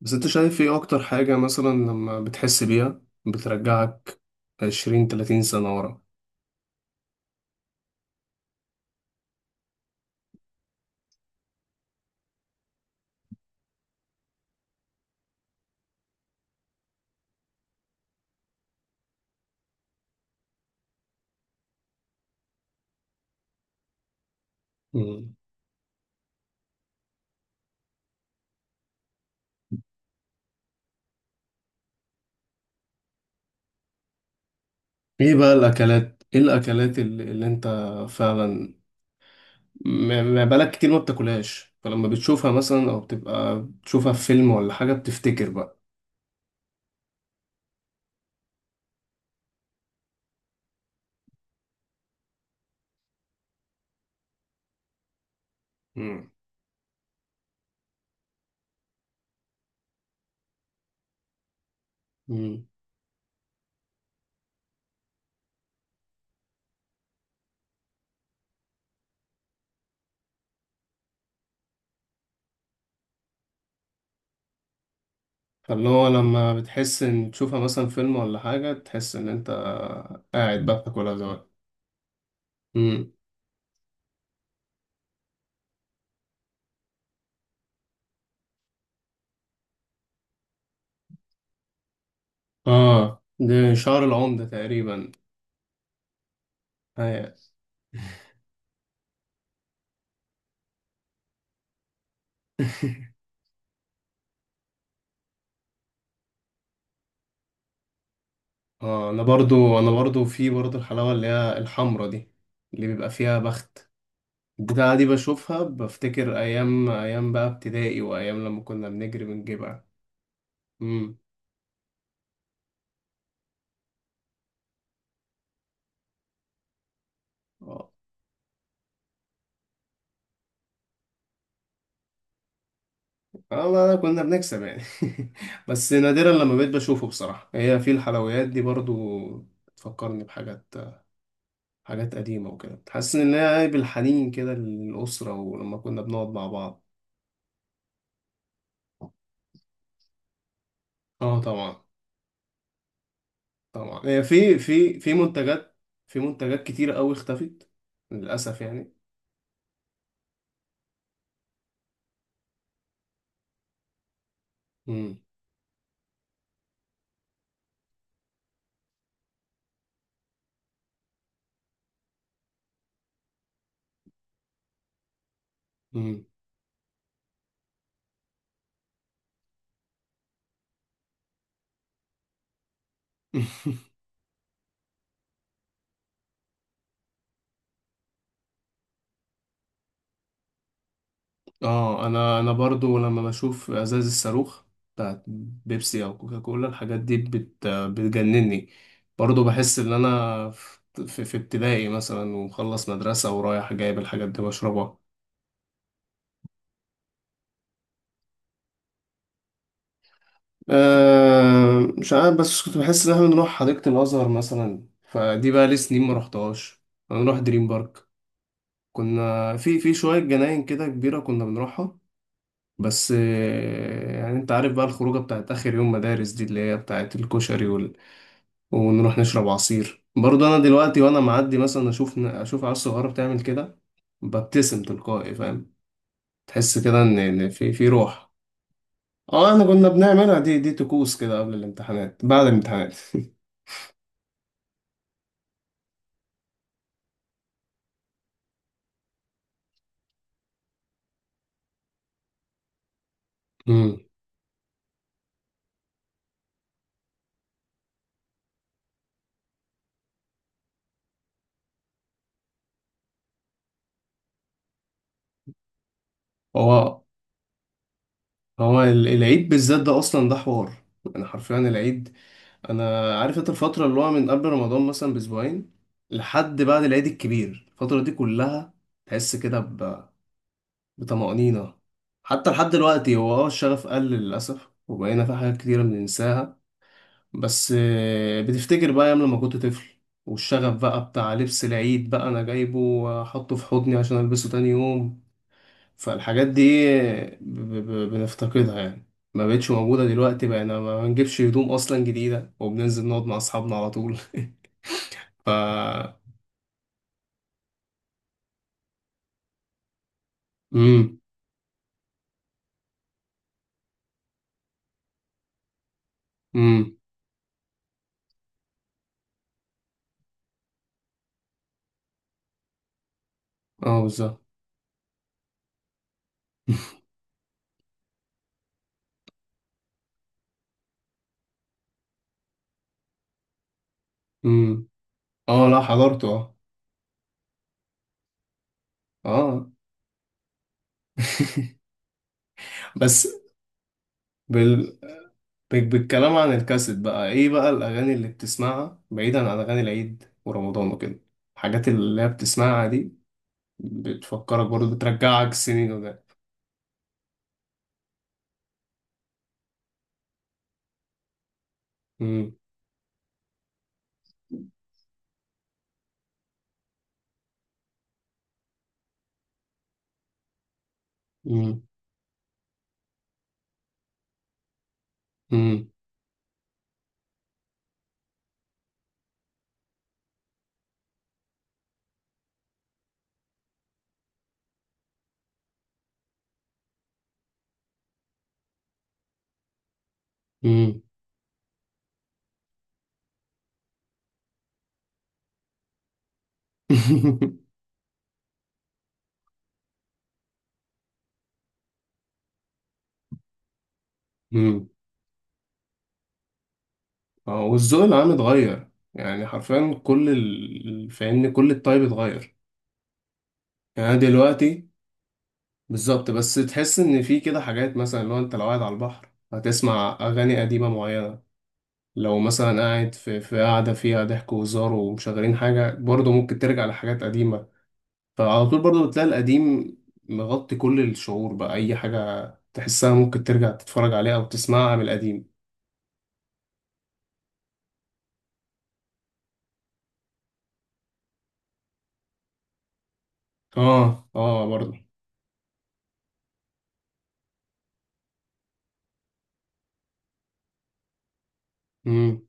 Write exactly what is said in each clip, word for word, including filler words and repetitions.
بس انت شايف ايه اكتر حاجة مثلا لما بتحس بيها بترجعك عشرين تلاتين سنة ورا؟ مم. ايه بقى الاكلات ايه الاكلات اللي, اللي انت؟ فعلا. ما ما بالك كتير ما بتاكلهاش، فلما بتشوفها مثلا او بتبقى بتشوفها في فيلم ولا حاجه بتفتكر بقى؟ مم. مم. فاللي هو لما بتحس ان تشوفها مثلا فيلم ولا حاجه تحس ان انت قاعد بقى بتاكلها زمان. مم. اه، ده شعر العمده تقريبا. هي. اه، انا برضو انا برضو في برضو الحلاوه اللي هي الحمرا دي، اللي بيبقى فيها بخت، البتاعة دي بشوفها بفتكر أيام، أيام بقى ابتدائي وأيام لما كنا بنجري بنجيبها. امم. اه والله كنا بنكسب يعني. بس نادرا لما بقيت بشوفه بصراحة، هي في الحلويات دي برضو تفكرني بحاجات، حاجات قديمة وكده، تحسسني ان هي بالحنين كده للأسرة ولما كنا بنقعد مع بعض. اه طبعا. طبعا هي في في في منتجات، في منتجات كتير قوي اختفت، للأسف يعني. امم. امم. اه، انا انا برضو لما بشوف ازاز الصاروخ بتاعت بيبسي او كوكاكولا، الحاجات دي بت بتجنني، برضو بحس ان انا في, في ابتدائي مثلا ومخلص مدرسة ورايح جايب الحاجات دي بشربها. أه، مش عارف، بس كنت بحس ان احنا بنروح حديقة الازهر مثلا، فدي بقى لي سنين ما رحتهاش. انا بنروح دريم بارك، كنا في في شوية جناين كده كبيرة كنا بنروحها. بس آه، يعني انت عارف بقى الخروجه بتاعت اخر يوم مدارس دي، اللي هي بتاعت الكشري، ونروح نشرب عصير برضه. انا دلوقتي وانا معدي مثلا اشوف اشوف عيال صغيره بتعمل كده ببتسم تلقائي، فاهم؟ تحس كده ان إن في في روح. اه احنا كنا بنعملها، دي دي طقوس كده قبل الامتحانات بعد الامتحانات. امم. هو هو ال- العيد بالذات ده اصلا ده حوار، انا حرفيا العيد. انا عارف انت الفتره اللي هو من قبل رمضان مثلا باسبوعين لحد بعد العيد الكبير، الفتره دي كلها تحس كده بطمأنينة. حتى لحد دلوقتي هو اه الشغف قل للأسف، وبقينا في حاجات كتيرة بننساها. بس آه، بتفتكر بقى أيام لما كنت طفل، والشغف بقى بتاع لبس العيد بقى أنا جايبه وأحطه في حضني عشان ألبسه تاني يوم. فالحاجات دي آه، ب- ب- بنفتقدها يعني، ما بقتش موجودة دلوقتي، بقينا ما بنجيبش هدوم أصلا جديدة وبننزل نقعد مع أصحابنا على طول. ف مم. مم. اه بالظبط. مم. اه، لا، حضرته اه اه. بس. بال... طيب بالكلام عن الكاسيت بقى، ايه بقى الاغاني اللي بتسمعها بعيدا عن اغاني العيد ورمضان وكده؟ الحاجات اللي هي بتسمعها دي بتفكرك برضه، بترجعك سنين وده؟ امم. امم. امم. امم. امم. اه والذوق العام اتغير. يعني حرفيا كل ال... فاهمني كل الطيب اتغير. يعني أنا دلوقتي. بالظبط. بس تحس ان في كده حاجات، مثلا لو انت لو قاعد على البحر هتسمع اغاني قديمة معينة، لو مثلا قاعد في في قاعدة فيها ضحك وهزار ومشغلين حاجة، برضه ممكن ترجع لحاجات قديمة. فعلى طول برضه بتلاقي القديم مغطي كل الشعور، بقى أي حاجة تحسها ممكن ترجع تتفرج عليها أو تسمعها من القديم. اه، اه، برضه. مم.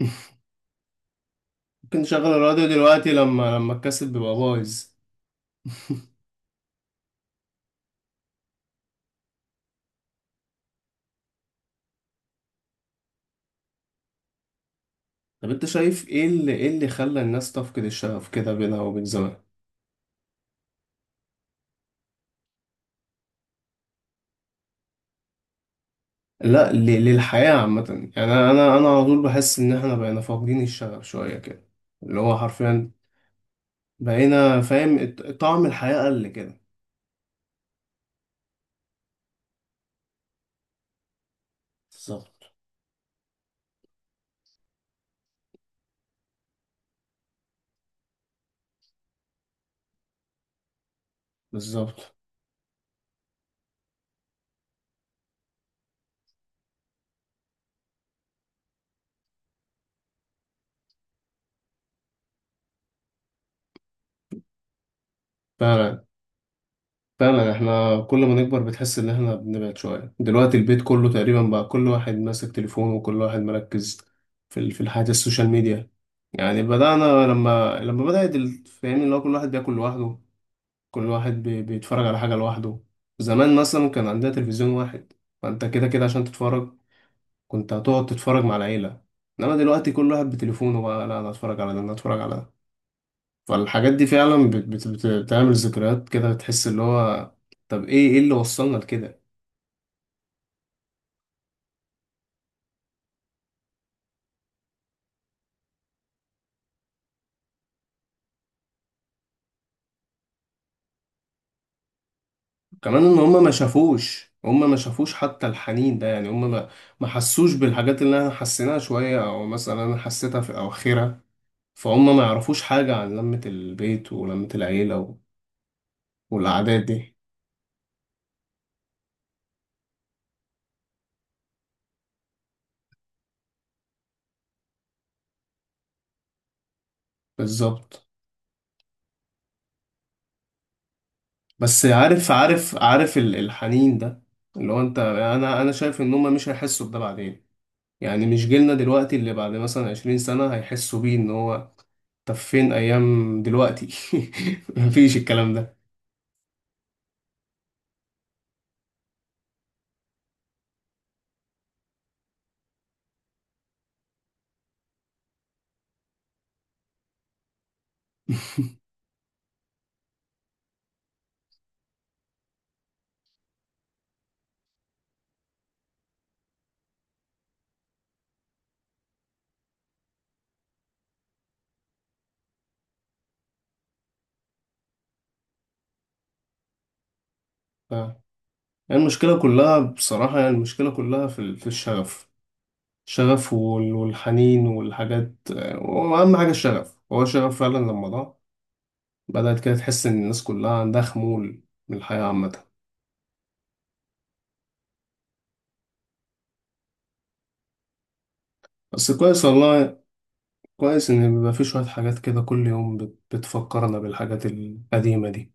ممكن تشغل الراديو دلوقتي لما لما الكاسيت بيبقى بايظ. طب انت شايف ايه اللي، ايه اللي خلى الناس تفقد الشغف كده بينها وبين زمان؟ لا، ل- للحياة عامة. يعني انا انا أنا على طول بحس ان احنا بقينا فاقدين الشغف شوية كده، اللي هو حرفيا بقينا فاهم الط- طعم الحياة قل كده. بالظبط، بالظبط. فعلا، فعلا. احنا كل ما نكبر بتحس ان احنا بنبعد شوية، دلوقتي البيت كله تقريبا بقى كل واحد ماسك تليفونه وكل واحد مركز في ال- في الحياة السوشيال ميديا. يعني بدأنا لما، لما بدأت ال- فاهمني اللي هو كل واحد بياكل لوحده، كل واحد بي- بيتفرج على حاجة لوحده. زمان مثلا كان عندنا تلفزيون واحد، فانت كده كده عشان تتفرج كنت هتقعد تتفرج مع العيلة. انما دلوقتي كل واحد بتليفونه، بقى لا انا اتفرج على ده انا اتفرج على ده. فالحاجات دي فعلا بت بت بت بتعمل ذكريات كده، بتحس اللي هو، طب ايه ايه اللي وصلنا لكده؟ كمان ان هما ما شافوش هما ما شافوش حتى الحنين ده، يعني هما ما ما حسوش بالحاجات اللي انا حسيناها شوية، او مثلا انا حسيتها في اواخرها. فهم ما يعرفوش حاجة عن لمة البيت ولمة العيلة و- والعادات دي. بالظبط. بس عارف عارف عارف ال- الحنين ده اللي هو انت انا انا شايف ان هما مش هيحسوا بده بعدين، يعني مش جيلنا دلوقتي اللي بعد مثلا عشرين سنة هيحسوا بيه ان هو طب فين ايام دلوقتي؟ مفيش الكلام ده. آه. المشكله كلها بصراحه، يعني المشكله كلها في ال- في الشغف، الشغف وال- والحنين والحاجات، آه، واهم حاجه الشغف، هو الشغف فعلا لما ضاع بدات كده تحس ان الناس كلها عندها خمول من الحياه عامه. بس كويس والله، كويس ان بيبقى في شويه حاجات كده كل يوم بت- بتفكرنا بالحاجات القديمه دي.